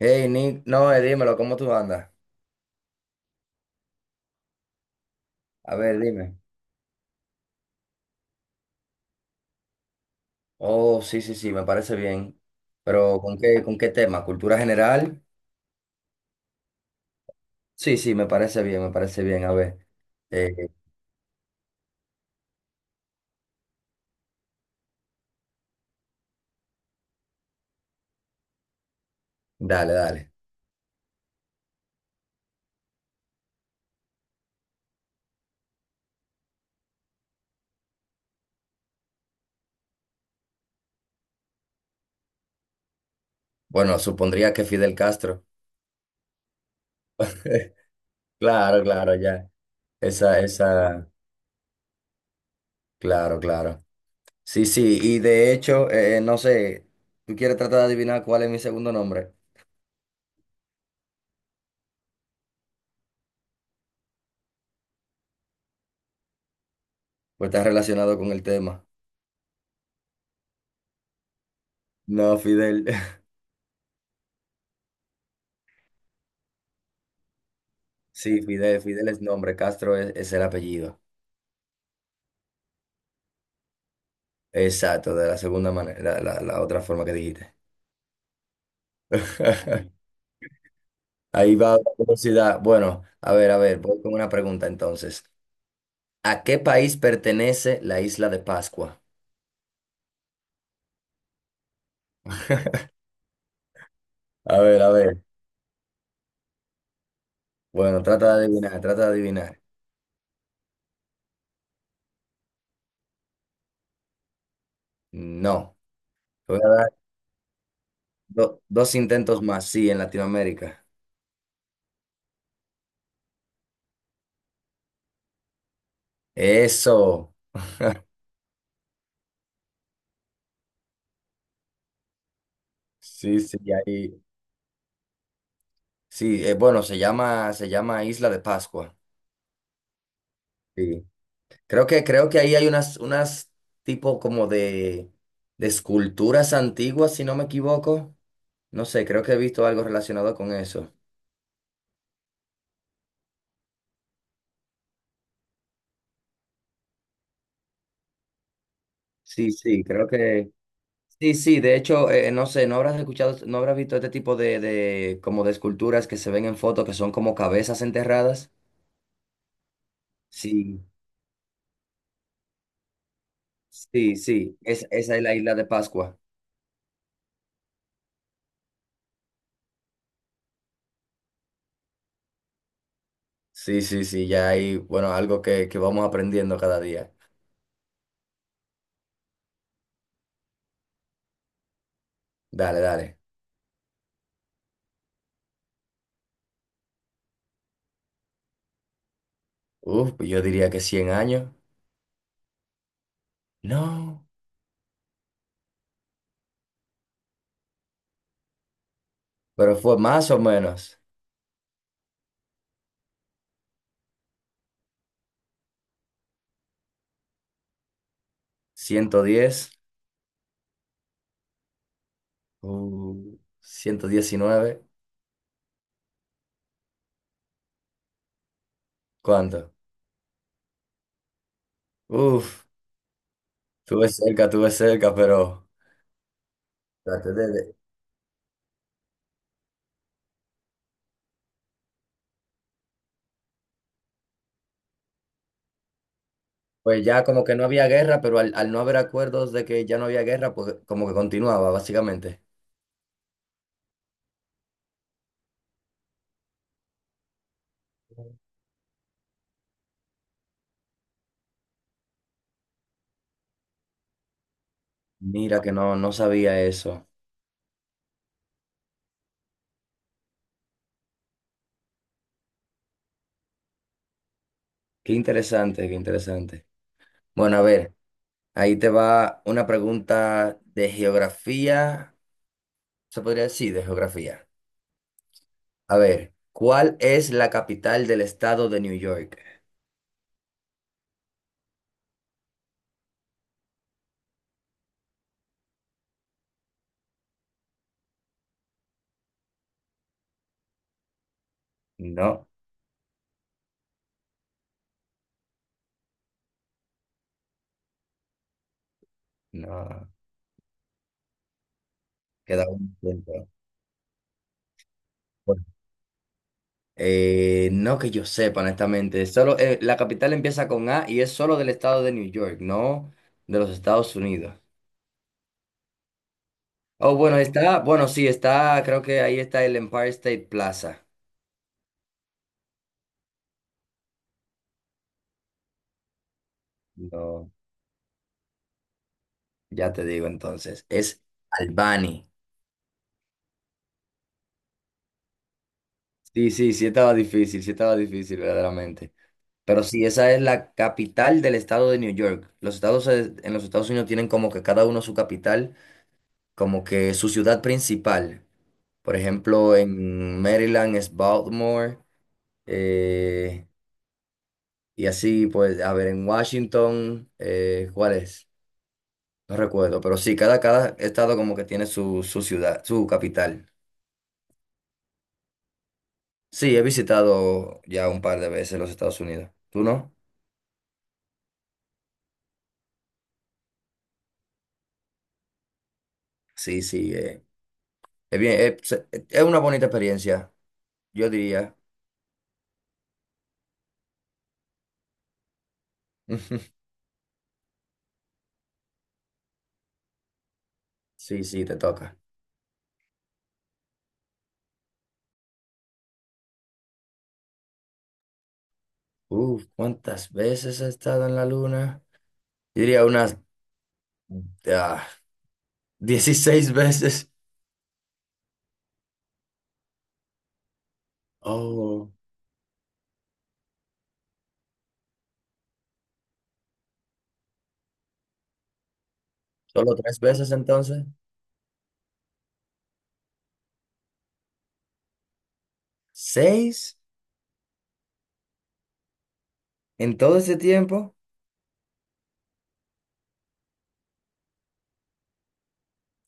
Hey, Nick, no, dímelo, ¿cómo tú andas? A ver, dime. Oh, sí, sí, sí, me parece bien. Pero ¿con qué tema? ¿Cultura general? Sí, sí, me parece bien, me parece bien. A ver, eh, dale, dale. Bueno, supondría que Fidel Castro. Claro, claro, ya. Esa, claro, claro. Sí, sí, y de hecho, no sé, ¿tú quieres tratar de adivinar cuál es mi segundo nombre? Pues está relacionado con el tema. No, Fidel. Sí, Fidel, Fidel es nombre, Castro es el apellido. Exacto, de la segunda manera, la otra forma que dijiste. Ahí va la curiosidad. Bueno, a ver, voy con una pregunta entonces. ¿A qué país pertenece la isla de Pascua? A ver, a ver. Bueno, trata de adivinar, trata de adivinar. No. Te voy a dar dos intentos más, sí, en Latinoamérica. Eso. Sí, sí, ahí. Sí, bueno, se llama Isla de Pascua. Sí. Creo que ahí hay unas, unas tipo como de esculturas antiguas, si no me equivoco. No sé, creo que he visto algo relacionado con eso. Sí, sí, creo que... Sí, sí, de hecho, no sé, no habrás escuchado, no habrás visto este tipo como de esculturas que se ven en fotos que son como cabezas enterradas. Sí, sí, sí, es, esa es la isla de Pascua. Sí, sí, sí, ya hay, bueno, algo que vamos aprendiendo cada día. Dale, dale. Uf, pues yo diría que 100 años. No, pero fue más o menos 110, uh, 119. ¿Cuánto? Uf, tuve cerca, pero traté pues ya como que no había guerra, pero al no haber acuerdos de que ya no había guerra, pues como que continuaba, básicamente. Mira que no, no sabía eso. Qué interesante, qué interesante. Bueno, a ver, ahí te va una pregunta de geografía, se podría decir, de geografía. A ver, ¿cuál es la capital del estado de New York? No, no, queda un punto. Bueno, no que yo sepa, honestamente. Solo, la capital empieza con A y es solo del estado de New York, no de los Estados Unidos. Oh, bueno, está, bueno, sí, está, creo que ahí está el Empire State Plaza. No, ya te digo entonces, es Albany. Sí, sí, sí estaba difícil, verdaderamente. Pero sí, esa es la capital del estado de New York. Los estados en los Estados Unidos tienen como que cada uno su capital, como que su ciudad principal. Por ejemplo, en Maryland es Baltimore, eh, y así, pues, a ver, en Washington, ¿cuál es? No recuerdo, pero sí, cada, cada estado como que tiene su, su ciudad, su capital. Sí, he visitado ya un par de veces los Estados Unidos. ¿Tú no? Sí, sí, es bien, es una bonita experiencia, yo diría. Sí, sí, te toca. Uf, ¿cuántas veces he estado en la luna? Yo diría unas ah, 16 veces. Oh, solo tres veces entonces. ¿Seis en todo ese tiempo?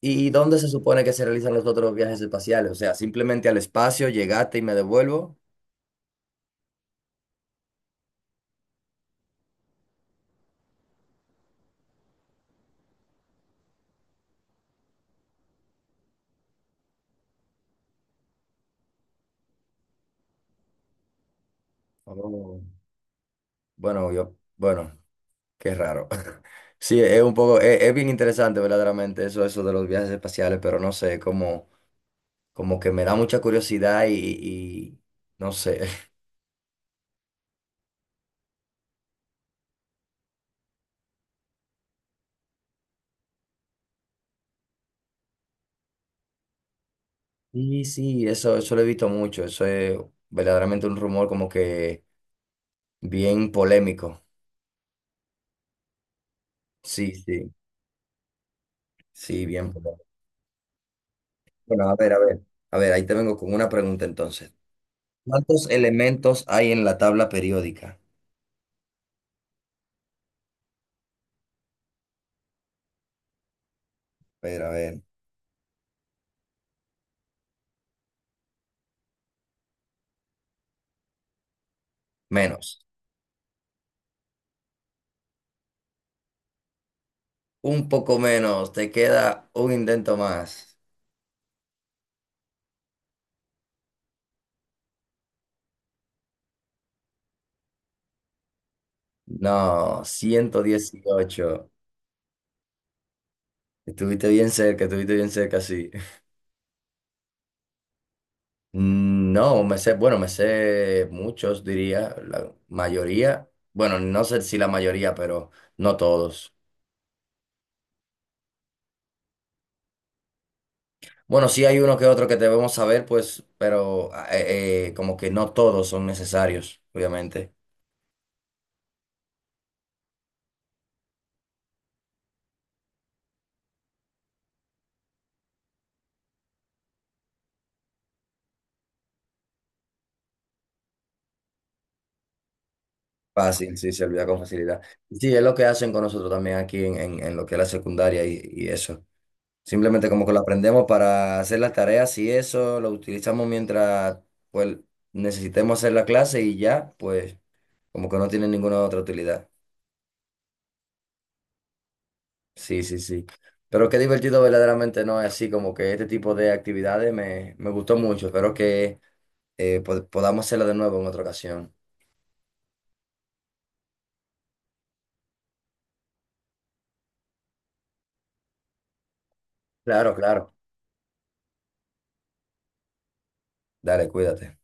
¿Y dónde se supone que se realizan los otros viajes espaciales? O sea, simplemente al espacio, llegaste y me devuelvo. Oh, bueno, yo, bueno, qué raro. Sí, es un poco, es bien interesante verdaderamente eso, eso de los viajes espaciales, pero no sé, como, como que me da mucha curiosidad y no sé. Sí, sí, eso lo he visto mucho, eso es verdaderamente un rumor como que... Bien polémico. Sí, sí, sí, bien polémico. Bueno, a ver, a ver. A ver, ahí te vengo con una pregunta entonces. ¿Cuántos elementos hay en la tabla periódica? A ver, a ver. Menos. Un poco menos. Te queda un intento más. No, 118. Estuviste bien cerca, sí. Mm, no, me sé, bueno, me sé muchos, diría, la mayoría. Bueno, no sé si la mayoría, pero no todos. Bueno, sí hay uno que otro que debemos saber, pues, pero como que no todos son necesarios, obviamente. Fácil, sí, se olvida con facilidad. Y sí, es lo que hacen con nosotros también aquí en, en lo que es la secundaria y eso. Simplemente como que lo aprendemos para hacer las tareas y eso, lo utilizamos mientras, pues, necesitemos hacer la clase y ya, pues, como que no tiene ninguna otra utilidad. Sí, sí, sí. Pero qué divertido verdaderamente, ¿no? Así como que este tipo de actividades me, me gustó mucho. Espero que podamos hacerlo de nuevo en otra ocasión. Claro, claro. Dale, cuídate.